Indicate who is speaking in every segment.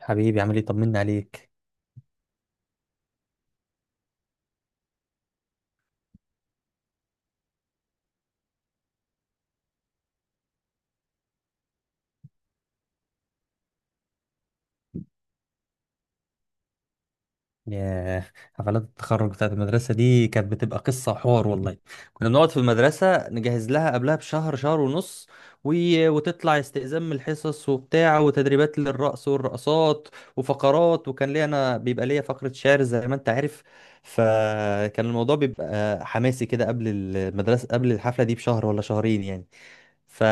Speaker 1: حبيبي، عامل ايه؟ طمنا عليك. يا حفلات التخرج بتاعت المدرسة دي كانت بتبقى قصة وحوار والله. كنا بنقعد في المدرسة نجهز لها قبلها بشهر، شهر ونص. و... وتطلع استئذان من الحصص وبتاع، وتدريبات للرقص والرقصات وفقرات. وكان ليا انا بيبقى ليا فقرة شعر زي ما انت عارف. فكان الموضوع بيبقى حماسي كده قبل المدرسة، قبل الحفلة دي بشهر ولا شهرين يعني. ف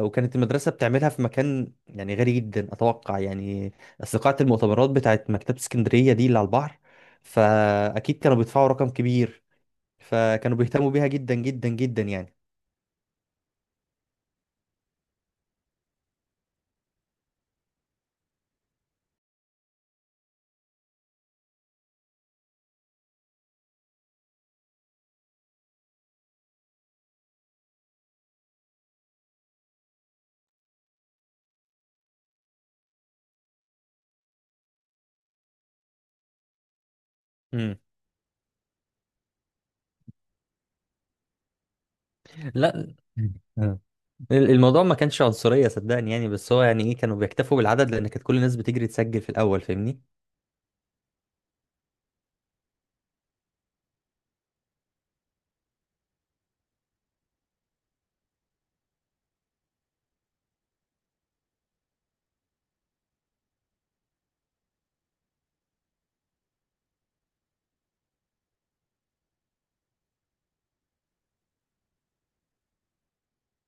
Speaker 1: وكانت المدرسة بتعملها في مكان يعني غالي جدا أتوقع يعني. أصل قاعة المؤتمرات بتاعت مكتبة اسكندرية دي اللي على البحر، فأكيد كانوا بيدفعوا رقم كبير، فكانوا بيهتموا بيها جدا جدا جدا يعني. امم. لا. آه. الموضوع ما كانش عنصرية صدقني يعني، بس هو يعني إيه، كانوا بيكتفوا بالعدد لأن كانت كل الناس بتجري تسجل في الأول، فاهمني؟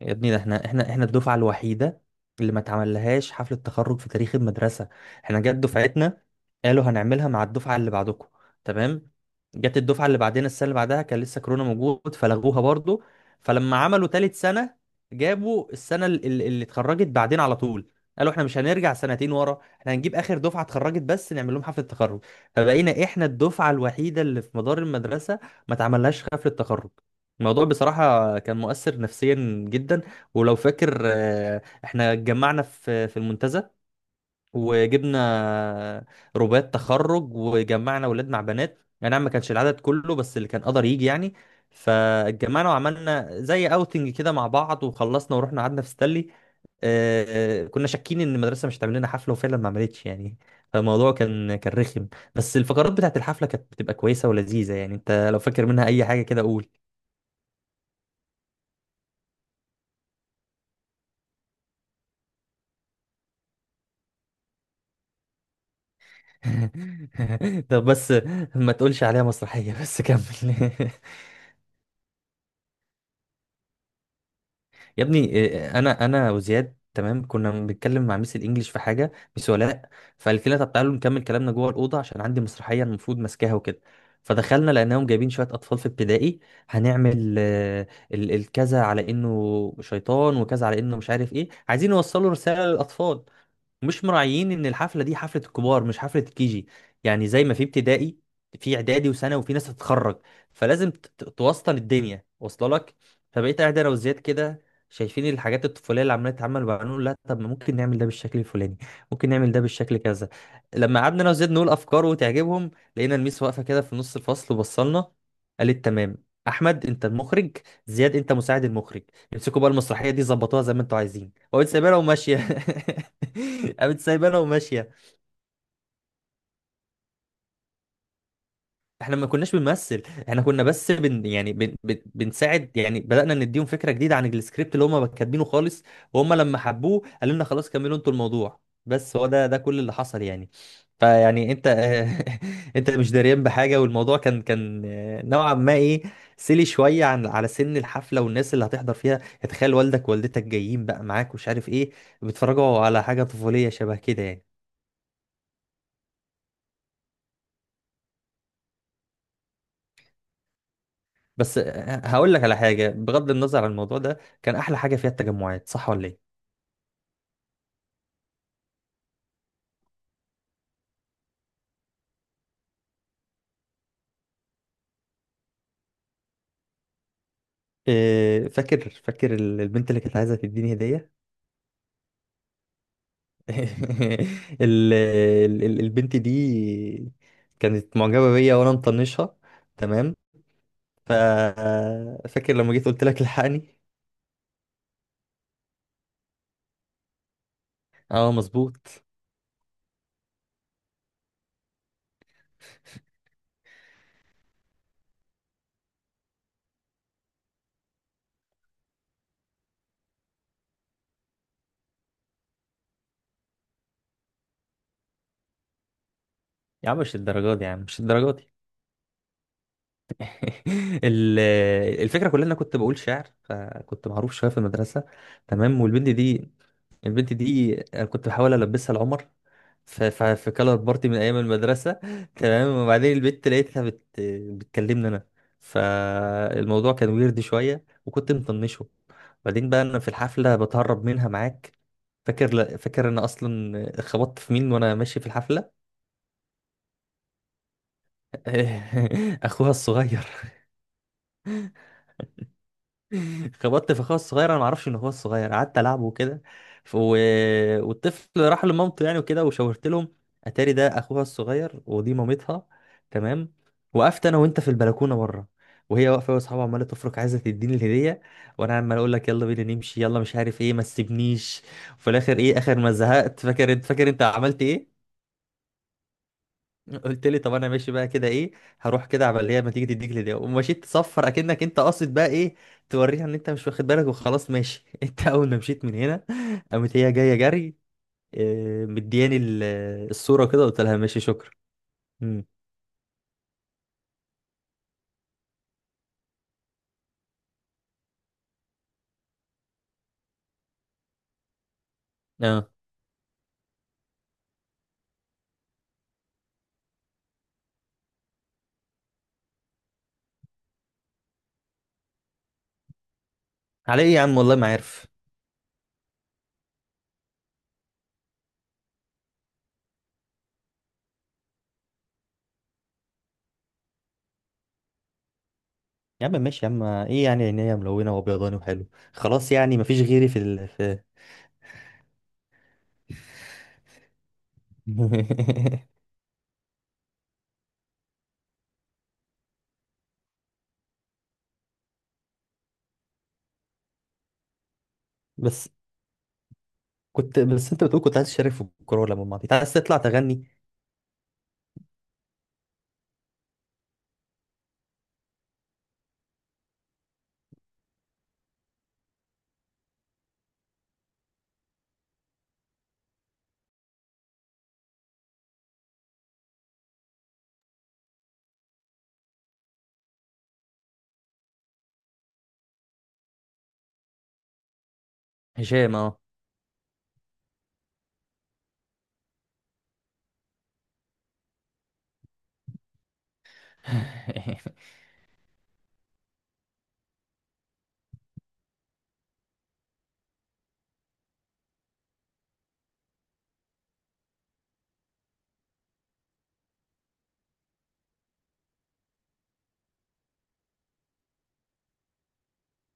Speaker 1: يا ابني ده احنا الدفعة الوحيدة اللي ما اتعملهاش حفلة تخرج في تاريخ المدرسة. احنا جت دفعتنا، قالوا هنعملها مع الدفعة اللي بعدكم، تمام. جت الدفعة اللي بعدنا، السنة اللي بعدها كان لسه كورونا موجود فلغوها برضو. فلما عملوا تالت سنة، جابوا السنة اللي اتخرجت بعدين على طول. قالوا احنا مش هنرجع سنتين ورا، احنا هنجيب اخر دفعة اتخرجت بس نعمل لهم حفلة تخرج. فبقينا احنا الدفعة الوحيدة اللي في مدار المدرسة ما اتعملهاش حفلة تخرج. الموضوع بصراحة كان مؤثر نفسيا جدا. ولو فاكر، احنا اتجمعنا في المنتزه، وجبنا رباط تخرج، وجمعنا ولاد مع بنات يعني، نعم ما كانش العدد كله بس اللي كان قدر يجي يعني. فاتجمعنا وعملنا زي اوتنج كده مع بعض، وخلصنا ورحنا قعدنا في ستانلي. آه، كنا شاكين ان المدرسة مش هتعمل لنا حفلة، وفعلا ما عملتش يعني. فالموضوع كان رخم. بس الفقرات بتاعت الحفلة كانت بتبقى كويسة ولذيذة يعني. انت لو فاكر منها اي حاجة كده قول. طب بس ما تقولش عليها مسرحية، بس كمل. يا ابني إيه، انا وزياد، تمام، كنا بنتكلم مع ميس الانجليش في حاجة، ميس ولاء، فقالت لنا طب تعالوا نكمل كلامنا جوه الأوضة عشان عندي مسرحية المفروض ماسكاها وكده. فدخلنا لقيناهم جايبين شوية أطفال في ابتدائي، هنعمل الكذا على إنه شيطان وكذا على إنه مش عارف إيه، عايزين يوصلوا رسالة للأطفال. مش مراعيين ان الحفله دي حفله الكبار مش حفله الكيجي. يعني زي ما في ابتدائي، في اعدادي وثانوي وفي ناس هتتخرج، فلازم توسطن الدنيا، واصله لك؟ فبقيت قاعد انا وزياد كده شايفين الحاجات الطفوليه اللي عماله تتعمل، وبنقول لا طب، ما ممكن نعمل ده بالشكل الفلاني، ممكن نعمل ده بالشكل كذا. لما قعدنا انا وزياد نقول افكار وتعجبهم، لقينا الميس واقفه كده في نص الفصل وبصلنا. قالت تمام، احمد انت المخرج، زياد انت مساعد المخرج، امسكوا بقى المسرحيه دي ظبطوها زي ما انتوا عايزين، وقلت سايبها وماشيه. قامت سايبانا وماشيه. احنا ما كناش بنمثل، احنا كنا بس يعني بن بن بنساعد يعني. بدأنا نديهم فكره جديده عن السكريبت اللي هم كاتبينه خالص، وهم لما حبوه قالوا لنا خلاص كملوا انتوا الموضوع. بس هو ده كل اللي حصل يعني. فيعني انت انت مش داريان بحاجه، والموضوع كان نوعا ما ايه، سيلي شويه على سن الحفله والناس اللي هتحضر فيها يعني. تخيل والدك ووالدتك جايين بقى معاك ومش عارف ايه، بيتفرجوا على حاجه طفوليه شبه كده يعني. بس هقول لك على حاجة، بغض النظر عن الموضوع ده كان أحلى حاجة فيها التجمعات، صح ولا إيه؟ إيه، فاكر البنت اللي كانت عايزة تديني هدية. البنت دي كانت معجبة بيا وأنا مطنشها، تمام. ف فاكر لما جيت قلت لك الحقني؟ اه مظبوط. يا عم مش الدرجات دي، يا عم مش الدرجات دي. ال- الفكرة كلها إن أنا كنت بقول شعر فكنت معروف شوية في المدرسة، تمام. والبنت دي البنت دي أنا كنت بحاول البسها لعمر في كالر بارتي من ايام المدرسه. تمام. وبعدين البنت لقيتها بتكلمني انا، فالموضوع كان ويرد شويه وكنت مطنشه. بعدين بقى انا في الحفله بتهرب منها معاك. فاكر انا اصلا خبطت في مين وانا ماشي في الحفله. اخوها الصغير. خبطت في اخويا الصغير، انا ما اعرفش ان اخويا الصغير قعدت العبه وكده. ف... و... والطفل راح لمامته يعني وكده، وشاورت لهم. اتاري ده اخوها الصغير ودي مامتها، تمام. وقفت انا وانت في البلكونه بره، وهي واقفه واصحابها عماله تفرك عايزه تديني الهديه، وانا عمال اقول لك يلا بينا نمشي، يلا مش عارف ايه، ما تسيبنيش. وفي الاخر ايه، اخر ما زهقت، فاكر انت عملت ايه؟ قلت لي طب انا ماشي بقى كده ايه، هروح كده عبال هي ما تيجي تديك لدي، ومشيت تصفر اكنك انت قاصد بقى ايه، توريها ان انت مش واخد بالك وخلاص ماشي. انت اول ما مشيت من هنا، قامت هي جايه جري، مدياني الصوره كده، قلت لها ماشي شكرا. امم. اه. على ايه يا عم، والله ما عارف. يا عم ماشي يا عم، ايه يعني، عينيا ملونه وابيضاني وحلو. خلاص يعني مفيش غيري في بس كنت، بس انت بتقول كنت عايز تشارك في الكوره ولا ما انت عايز تطلع تغني. هشام، اه.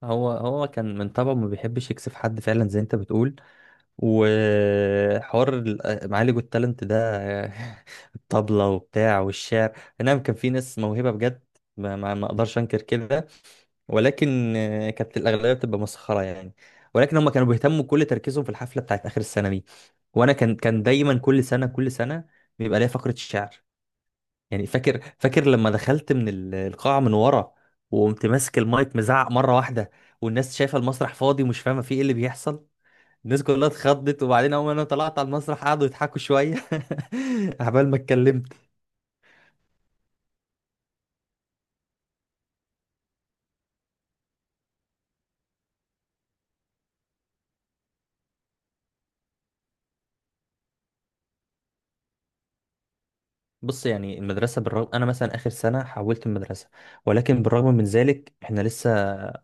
Speaker 1: هو كان من طبعه ما بيحبش يكسف حد فعلا زي انت بتقول. وحوار معالج التالنت ده. الطبلة وبتاع والشعر. نعم، كان في ناس موهبة بجد، ما اقدرش انكر كده. ولكن كانت الاغلبيه بتبقى مسخره يعني. ولكن هم كانوا بيهتموا كل تركيزهم في الحفله بتاعت اخر السنه دي. وانا كان دايما كل سنه كل سنه بيبقى ليا فقره الشعر يعني. فاكر لما دخلت من القاعة من ورا، وقمت ماسك المايك مزعق مرة واحدة، والناس شايفة المسرح فاضي ومش فاهمة فيه ايه اللي بيحصل. الناس كلها اتخضت، وبعدين اول ما انا طلعت على المسرح قعدوا يضحكوا شوية عبال ما اتكلمت. بص، يعني المدرسة، بالرغم أنا مثلا آخر سنة حولت المدرسة، ولكن بالرغم من ذلك إحنا لسه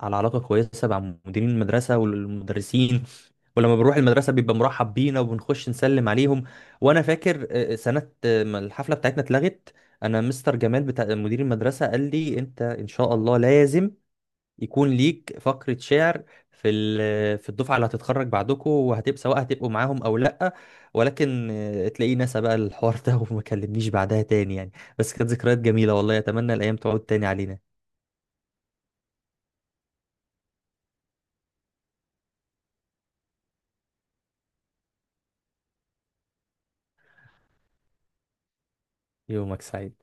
Speaker 1: على علاقة كويسة مع مديرين المدرسة والمدرسين. ولما بنروح المدرسة بيبقى مرحب بينا وبنخش نسلم عليهم. وأنا فاكر سنة ما الحفلة بتاعتنا اتلغت، أنا مستر جمال بتاع مدير المدرسة قال لي أنت إن شاء الله لازم يكون ليك فقرة شعر في الدفعة اللي هتتخرج بعدكم، وهتبقى سواء هتبقوا معاهم او لا. ولكن تلاقيه نسى بقى الحوار ده وما كلمنيش بعدها تاني يعني. بس كانت ذكريات جميلة والله، اتمنى الايام تعود تاني علينا. يومك سعيد.